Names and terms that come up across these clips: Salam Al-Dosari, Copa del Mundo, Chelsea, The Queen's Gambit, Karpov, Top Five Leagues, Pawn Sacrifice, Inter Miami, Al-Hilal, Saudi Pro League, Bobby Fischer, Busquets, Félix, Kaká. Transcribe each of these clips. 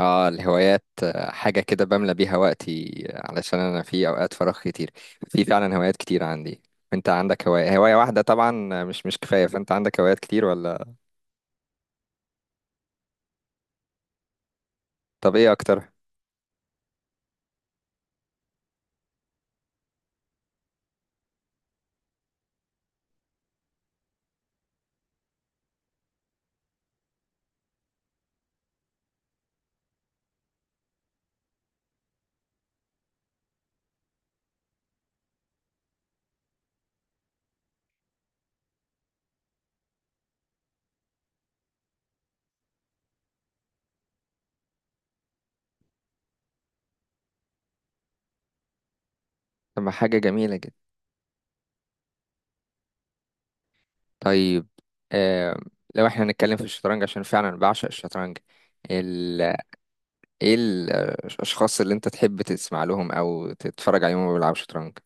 اه الهوايات، حاجة كده بملى بيها وقتي، علشان انا في اوقات فراغ كتير. في فعلا هوايات كتير عندي. انت عندك هواية واحدة طبعا، مش كفاية، فانت عندك هوايات كتير ولا؟ طب ايه اكتر؟ طب ما حاجة جميلة جدا. طيب. آه لو احنا هنتكلم في الشطرنج، عشان فعلا بعشق الشطرنج. ال... ايه الاشخاص اللي انت تحب تسمع لهم او تتفرج عليهم وهما بيلعبوا شطرنج؟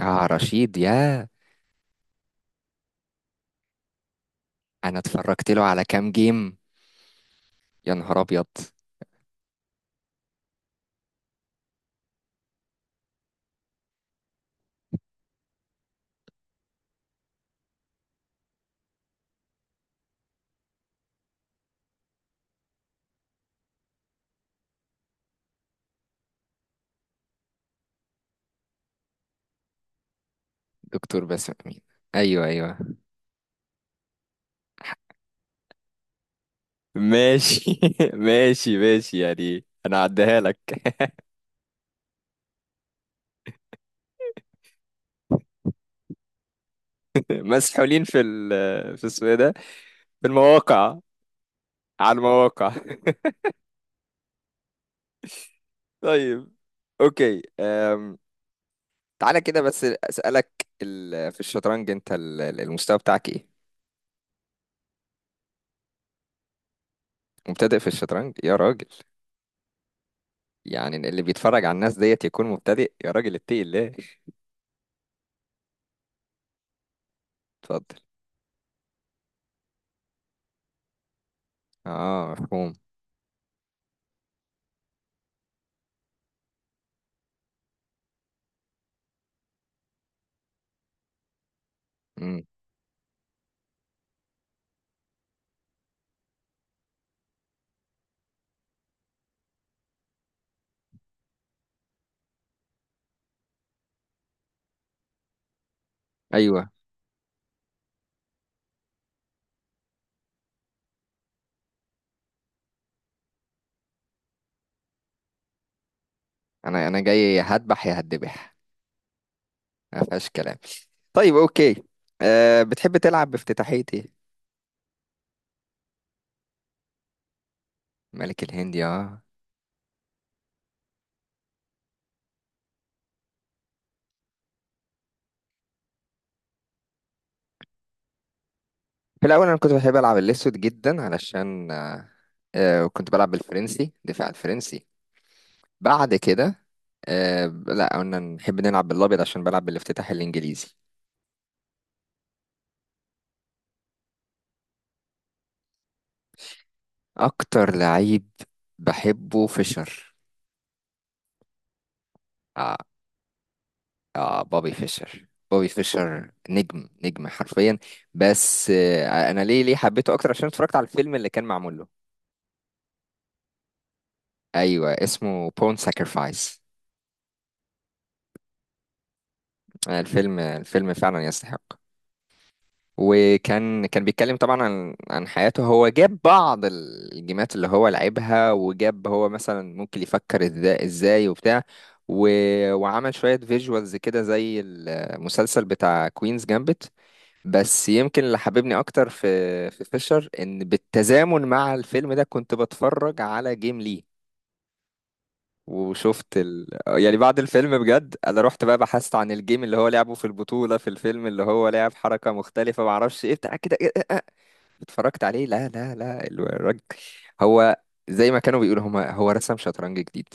اه رشيد يا... انا اتفرجت له على كام جيم. يا نهار ابيض! دكتور باسم امين؟ ايوه ايوه. ماشي ماشي ماشي، يعني انا عديها لك مسحولين في ال... في اسمه إيه ده؟ في المواقع، على المواقع. طيب، اوكي. تعالى كده، بس اسالك في الشطرنج، انت المستوى بتاعك ايه؟ مبتدئ في الشطرنج يا راجل؟ يعني اللي بيتفرج على الناس ديت يكون مبتدئ؟ يا راجل اتقي الله! اتفضل. اه، مفهوم. مم. ايوه. انا جاي يا هذبح يا هتذبح. ما فيهاش كلام. طيب، اوكي. بتحب تلعب بافتتاحية ايه؟ ملك الهندي، اه. في الاول انا كنت بحب العب الاسود جدا، علشان أه آه، كنت بلعب بالفرنسي، دفاع الفرنسي. بعد كده لا، قلنا نحب نلعب بالابيض عشان بلعب بالافتتاح الانجليزي. اكتر لعيب بحبه فيشر. آه, اه بوبي فيشر، بوبي فيشر نجم نجم حرفيا. بس انا ليه حبيته اكتر، عشان اتفرجت على الفيلم اللي كان معمول له. ايوه، اسمه بون ساكرفايس. الفيلم فعلا يستحق. وكان بيتكلم طبعا عن حياته. هو جاب بعض الجيمات اللي هو لعبها، وجاب هو مثلا ممكن يفكر ازاي وبتاع. و... وعمل شوية فيجوالز كده زي المسلسل بتاع كوينز جامبت. بس يمكن اللي حببني اكتر في فيشر، ان بالتزامن مع الفيلم ده كنت بتفرج على جيم ليه. وشفت يعني بعد الفيلم بجد انا رحت بقى بحثت عن الجيم اللي هو لعبه في البطولة في الفيلم، اللي هو لعب حركة مختلفة معرفش ايه بتاع كده. إيه إيه إيه. اتفرجت عليه. لا لا لا، الراجل هو، زي ما كانوا بيقولوا هما، هو رسم شطرنج جديد.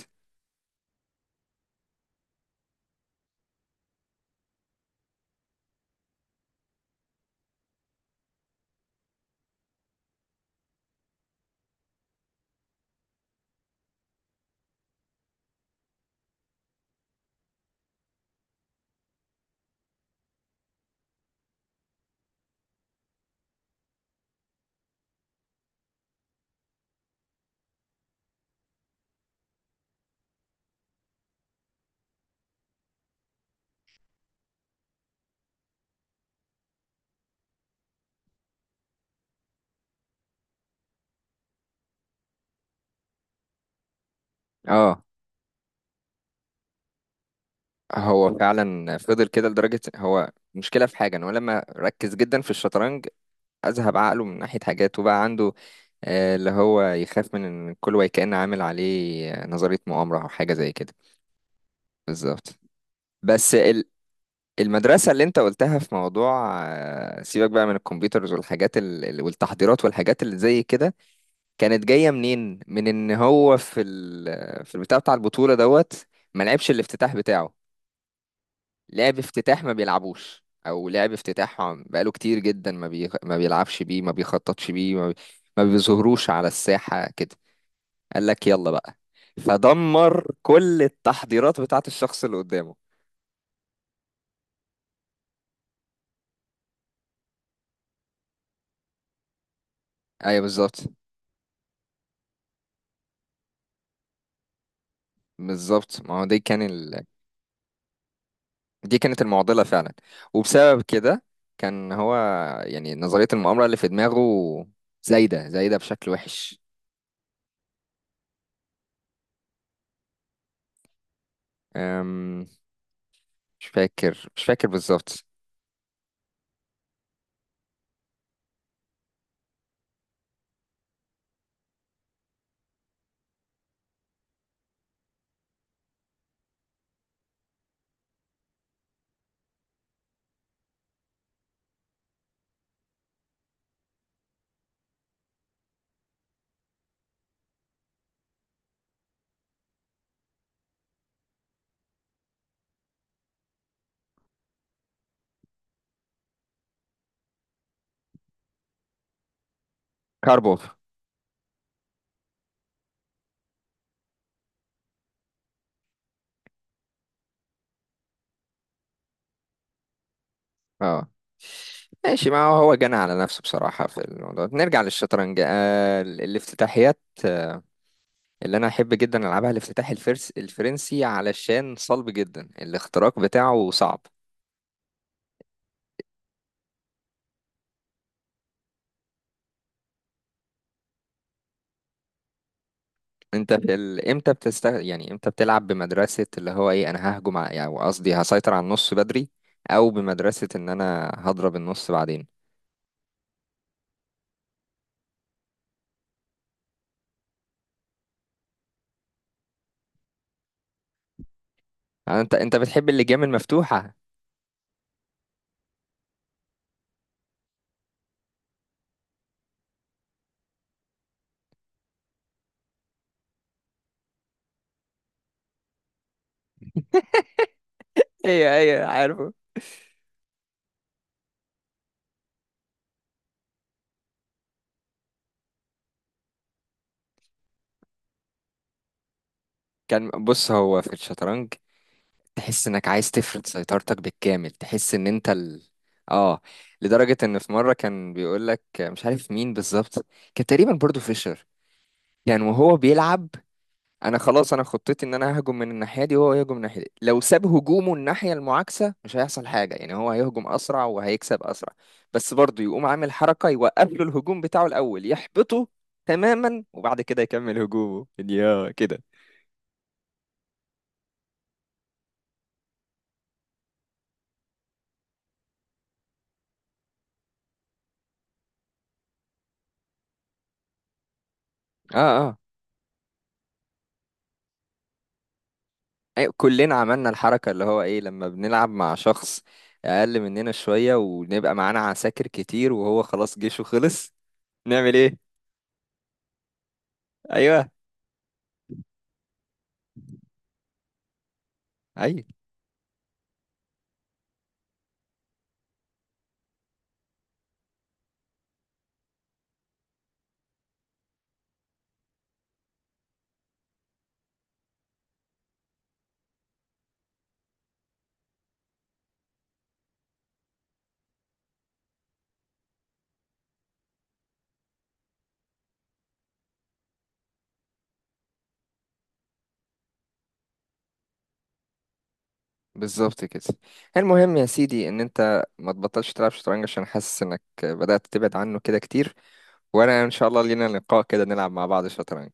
اه. هو فعلا فضل كده لدرجة، هو مشكلة في حاجة ان هو لما ركز جدا في الشطرنج، اذهب عقله من ناحية حاجات وبقى عنده اللي هو يخاف من ان كل واحد كأن عامل عليه نظرية مؤامرة او حاجة زي كده. بالظبط. بس. المدرسة اللي انت قلتها في موضوع، سيبك بقى من الكمبيوترز والحاجات والتحضيرات والحاجات اللي زي كده، كانت جاية منين؟ من ان هو في في البتاع بتاع البطولة دوت، ما لعبش الافتتاح بتاعه، لعب افتتاح ما بيلعبوش، او لعب افتتاح بقاله كتير جدا ما ما بيلعبش بيه، ما بيخططش بيه، ما بيظهروش على الساحة كده. قال لك يلا بقى، فدمر كل التحضيرات بتاعت الشخص اللي قدامه. ايوه، بالظبط. بالظبط، ما هو دي كان، دي كانت المعضلة فعلا. وبسبب كده كان هو، يعني نظرية المؤامرة اللي في دماغه زايدة زايدة بشكل وحش. أم، مش فاكر، مش فاكر بالظبط. كاربوف. اه، ماشي. ما هو جنى على نفسه بصراحة في الموضوع ده. نرجع للشطرنج، الافتتاحيات، آه، اللي أنا أحب جدا ألعبها الافتتاح الفرس الفرنسي، علشان صلب جدا، الاختراق بتاعه صعب. انت في امتى بتست يعني امتى بتلعب بمدرسة اللي هو ايه، انا ههجم يعني قصدي هسيطر على النص بدري، او بمدرسة ان انا هضرب النص بعدين؟ يعني انت بتحب اللجام المفتوحة؟ ايوه ايوه، عارفه. كان بص، هو في الشطرنج، تحس انك عايز تفرض سيطرتك بالكامل، تحس ان انت ال... اه لدرجة ان في مرة كان بيقول لك مش عارف مين بالظبط، كان تقريبا برضو فيشر. كان وهو بيلعب، انا خلاص، انا خطتي ان انا ههجم من الناحيه دي وهو يهجم من الناحيه دي، لو ساب هجومه الناحيه المعاكسه مش هيحصل حاجه، يعني هو هيهجم اسرع وهيكسب اسرع. بس برضه يقوم عامل حركه يوقف له الهجوم بتاعه الاول يحبطه تماما، وبعد كده يكمل هجومه يا كده. اه، اه. أيوة، كلنا عملنا الحركه، اللي هو ايه، لما بنلعب مع شخص اقل مننا شويه ونبقى معانا عساكر كتير وهو خلاص جيشه خلص، نعمل ايه؟ ايوه ايوه، بالظبط كده. المهم يا سيدي، ان انت ما تبطلش تلعب شطرنج، عشان حاسس انك بدأت تبعد عنه كده كتير. وانا ان شاء الله لينا لقاء كده نلعب مع بعض شطرنج.